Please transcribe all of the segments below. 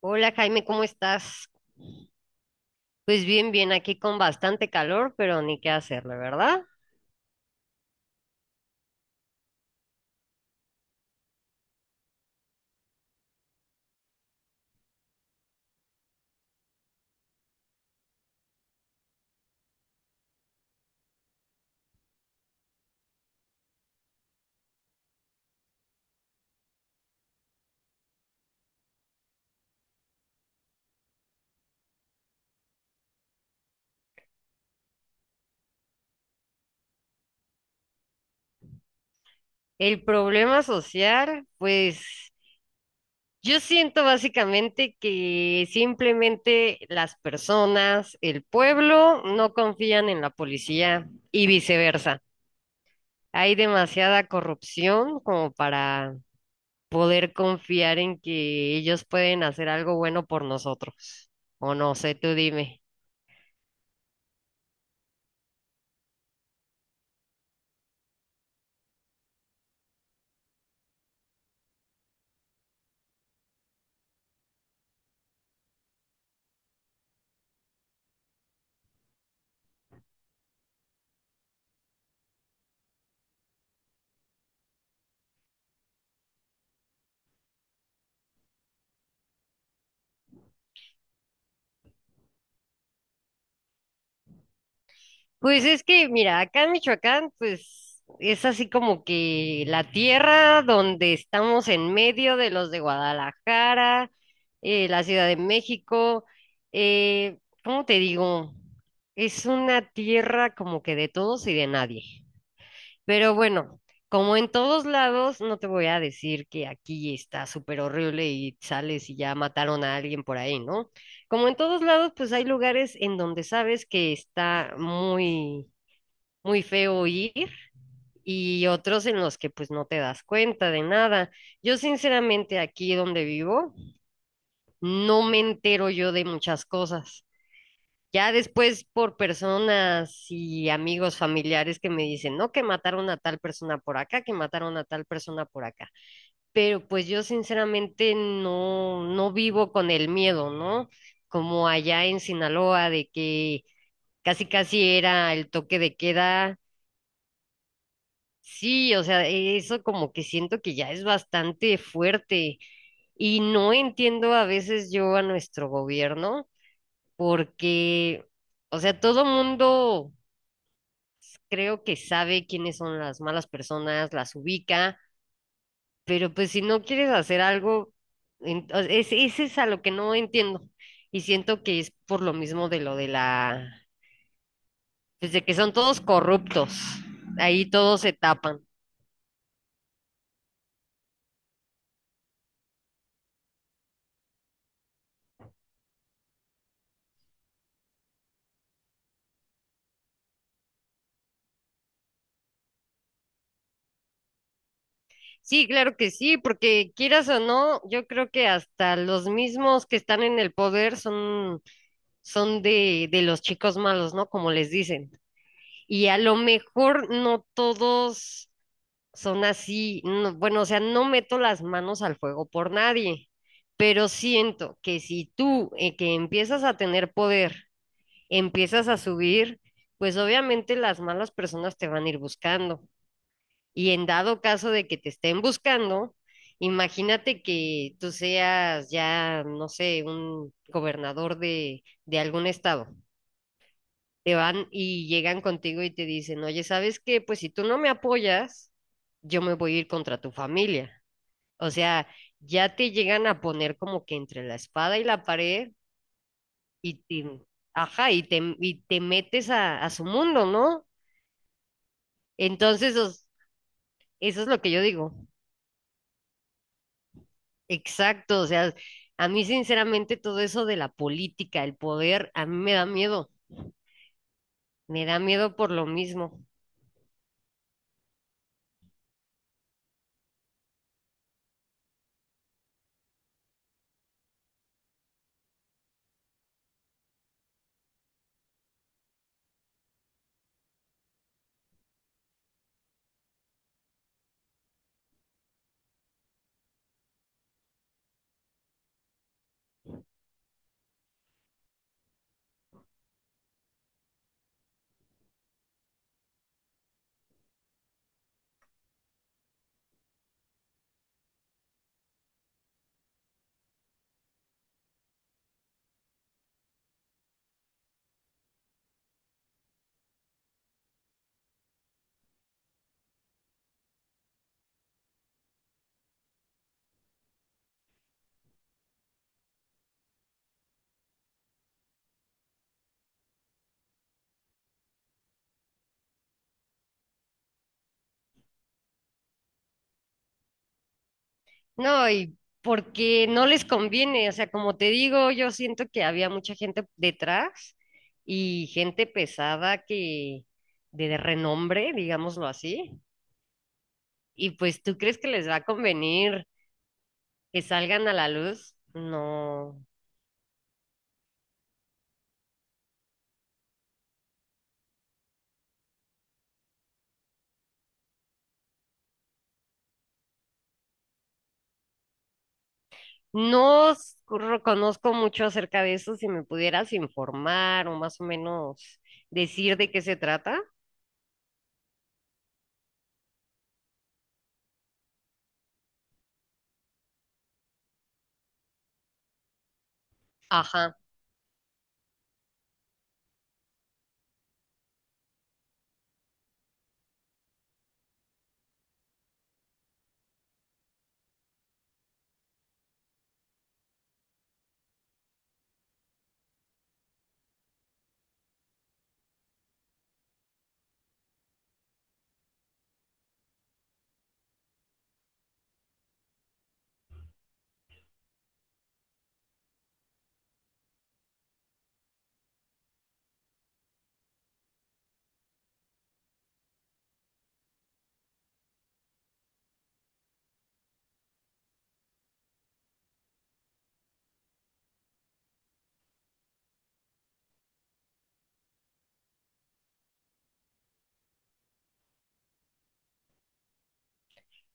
Hola Jaime, ¿cómo estás? Pues bien, bien, aquí con bastante calor, pero ni qué hacerle, ¿verdad? El problema social, pues yo siento básicamente que simplemente las personas, el pueblo, no confían en la policía y viceversa. Hay demasiada corrupción como para poder confiar en que ellos pueden hacer algo bueno por nosotros. O no sé, tú dime. Pues es que, mira, acá en Michoacán, pues es así como que la tierra donde estamos en medio de los de Guadalajara, la Ciudad de México. eh, ¿Cómo te digo? Es una tierra como que de todos y de nadie. Pero bueno, como en todos lados, no te voy a decir que aquí está súper horrible y sales y ya mataron a alguien por ahí, ¿no? Como en todos lados, pues hay lugares en donde sabes que está muy feo ir, y otros en los que pues no te das cuenta de nada. Yo sinceramente aquí donde vivo no me entero yo de muchas cosas. Ya después por personas y amigos familiares que me dicen, no, que mataron a tal persona por acá, que mataron a tal persona por acá. Pero pues yo sinceramente no, no vivo con el miedo, ¿no? Como allá en Sinaloa de que casi casi era el toque de queda. Sí, o sea, eso como que siento que ya es bastante fuerte y no entiendo a veces yo a nuestro gobierno porque, o sea, todo mundo creo que sabe quiénes son las malas personas, las ubica, pero pues si no quieres hacer algo, ese es a lo que no entiendo, y siento que es por lo mismo de lo de la, pues de que son todos corruptos, ahí todos se tapan. Sí, claro que sí, porque quieras o no, yo creo que hasta los mismos que están en el poder son, son de los chicos malos, ¿no? Como les dicen. Y a lo mejor no todos son así, no, bueno, o sea, no meto las manos al fuego por nadie, pero siento que si tú que empiezas a tener poder, empiezas a subir, pues obviamente las malas personas te van a ir buscando. Y en dado caso de que te estén buscando, imagínate que tú seas ya, no sé, un gobernador de algún estado. Te van y llegan contigo y te dicen, oye, ¿sabes qué? Pues si tú no me apoyas, yo me voy a ir contra tu familia. O sea, ya te llegan a poner como que entre la espada y la pared y te, ajá, y te metes a su mundo, ¿no? Entonces, eso es lo que yo digo. Exacto, o sea, a mí sinceramente todo eso de la política, el poder, a mí me da miedo por lo mismo. No, y porque no les conviene, o sea, como te digo, yo siento que había mucha gente detrás y gente pesada que de renombre, digámoslo así, y pues ¿tú crees que les va a convenir que salgan a la luz? No. No s- conozco mucho acerca de eso. Si me pudieras informar o más o menos decir de qué se trata. Ajá.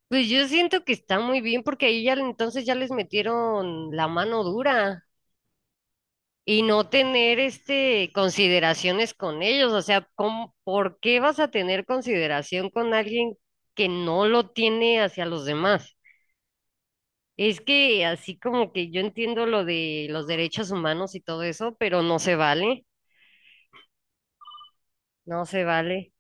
Pues yo siento que está muy bien porque ahí ya entonces ya les metieron la mano dura y no tener este consideraciones con ellos. O sea, ¿cómo, por qué vas a tener consideración con alguien que no lo tiene hacia los demás? Es que así como que yo entiendo lo de los derechos humanos y todo eso, pero no se vale, no se vale.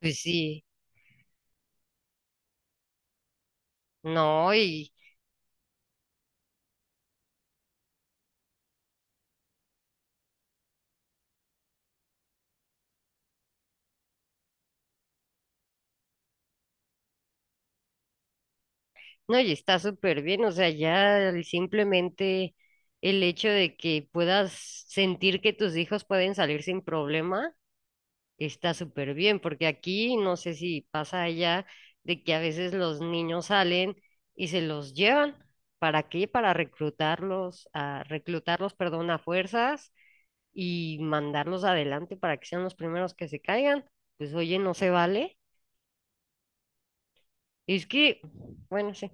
Pues sí, no, y no, y está súper bien, o sea, ya el, simplemente el hecho de que puedas sentir que tus hijos pueden salir sin problema, está súper bien, porque aquí no sé si pasa allá de que a veces los niños salen y se los llevan. ¿Para qué? Para reclutarlos, a reclutarlos, perdón, a fuerzas, y mandarlos adelante para que sean los primeros que se caigan. Pues oye, no se vale. Es que, bueno, sí.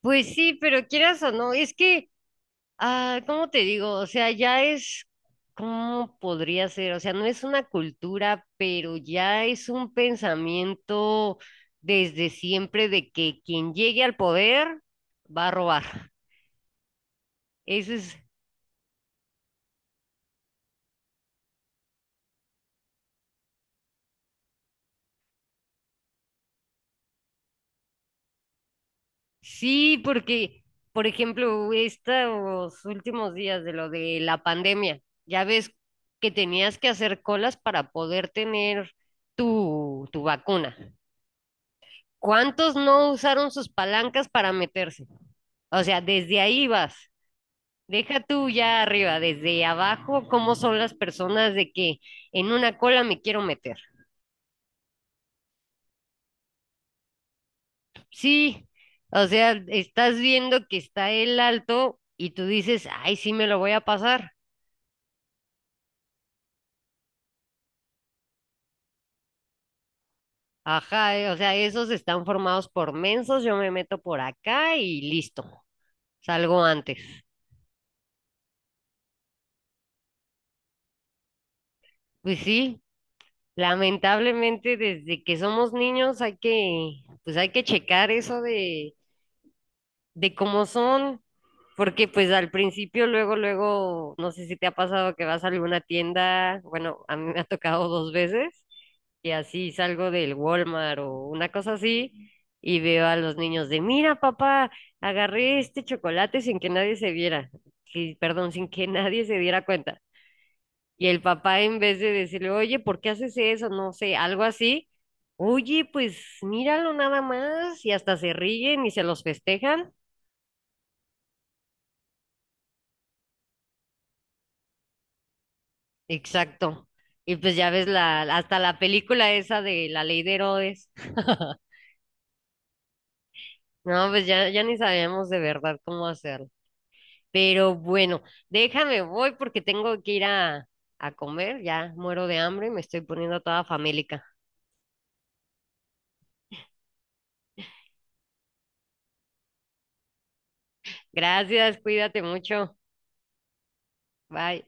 Pues sí, pero quieras o no, es que, ¿cómo te digo? O sea, ya es, ¿cómo podría ser? O sea, no es una cultura, pero ya es un pensamiento desde siempre de que quien llegue al poder va a robar. Eso es, sí, porque, por ejemplo, estos últimos días de lo de la pandemia, ya ves que tenías que hacer colas para poder tener tu, tu vacuna. ¿Cuántos no usaron sus palancas para meterse? O sea, desde ahí vas. Deja tú ya arriba, desde abajo, cómo son las personas de que en una cola me quiero meter. Sí, o sea, estás viendo que está el alto y tú dices, ay, sí me lo voy a pasar. Ajá, o sea, esos están formados por mensos, yo me meto por acá y listo, salgo antes. Pues sí, lamentablemente, desde que somos niños hay que, pues hay que checar eso de cómo son, porque pues al principio, luego, luego, no sé si te ha pasado que vas a alguna tienda, bueno, a mí me ha tocado dos veces, y así salgo del Walmart o una cosa así, y veo a los niños de, mira, papá, agarré este chocolate sin que nadie se viera, sí, perdón, sin que nadie se diera cuenta. Y el papá, en vez de decirle, oye, ¿por qué haces eso? No sé, algo así. Oye, pues míralo nada más. Y hasta se ríen y se los festejan. Exacto. Y pues ya ves la, hasta la película esa de La Ley de Herodes. No, pues ya, ya ni sabíamos de verdad cómo hacerlo. Pero bueno, déjame, voy porque tengo que ir a comer. Ya muero de hambre y me estoy poniendo toda famélica. Gracias, cuídate mucho. Bye.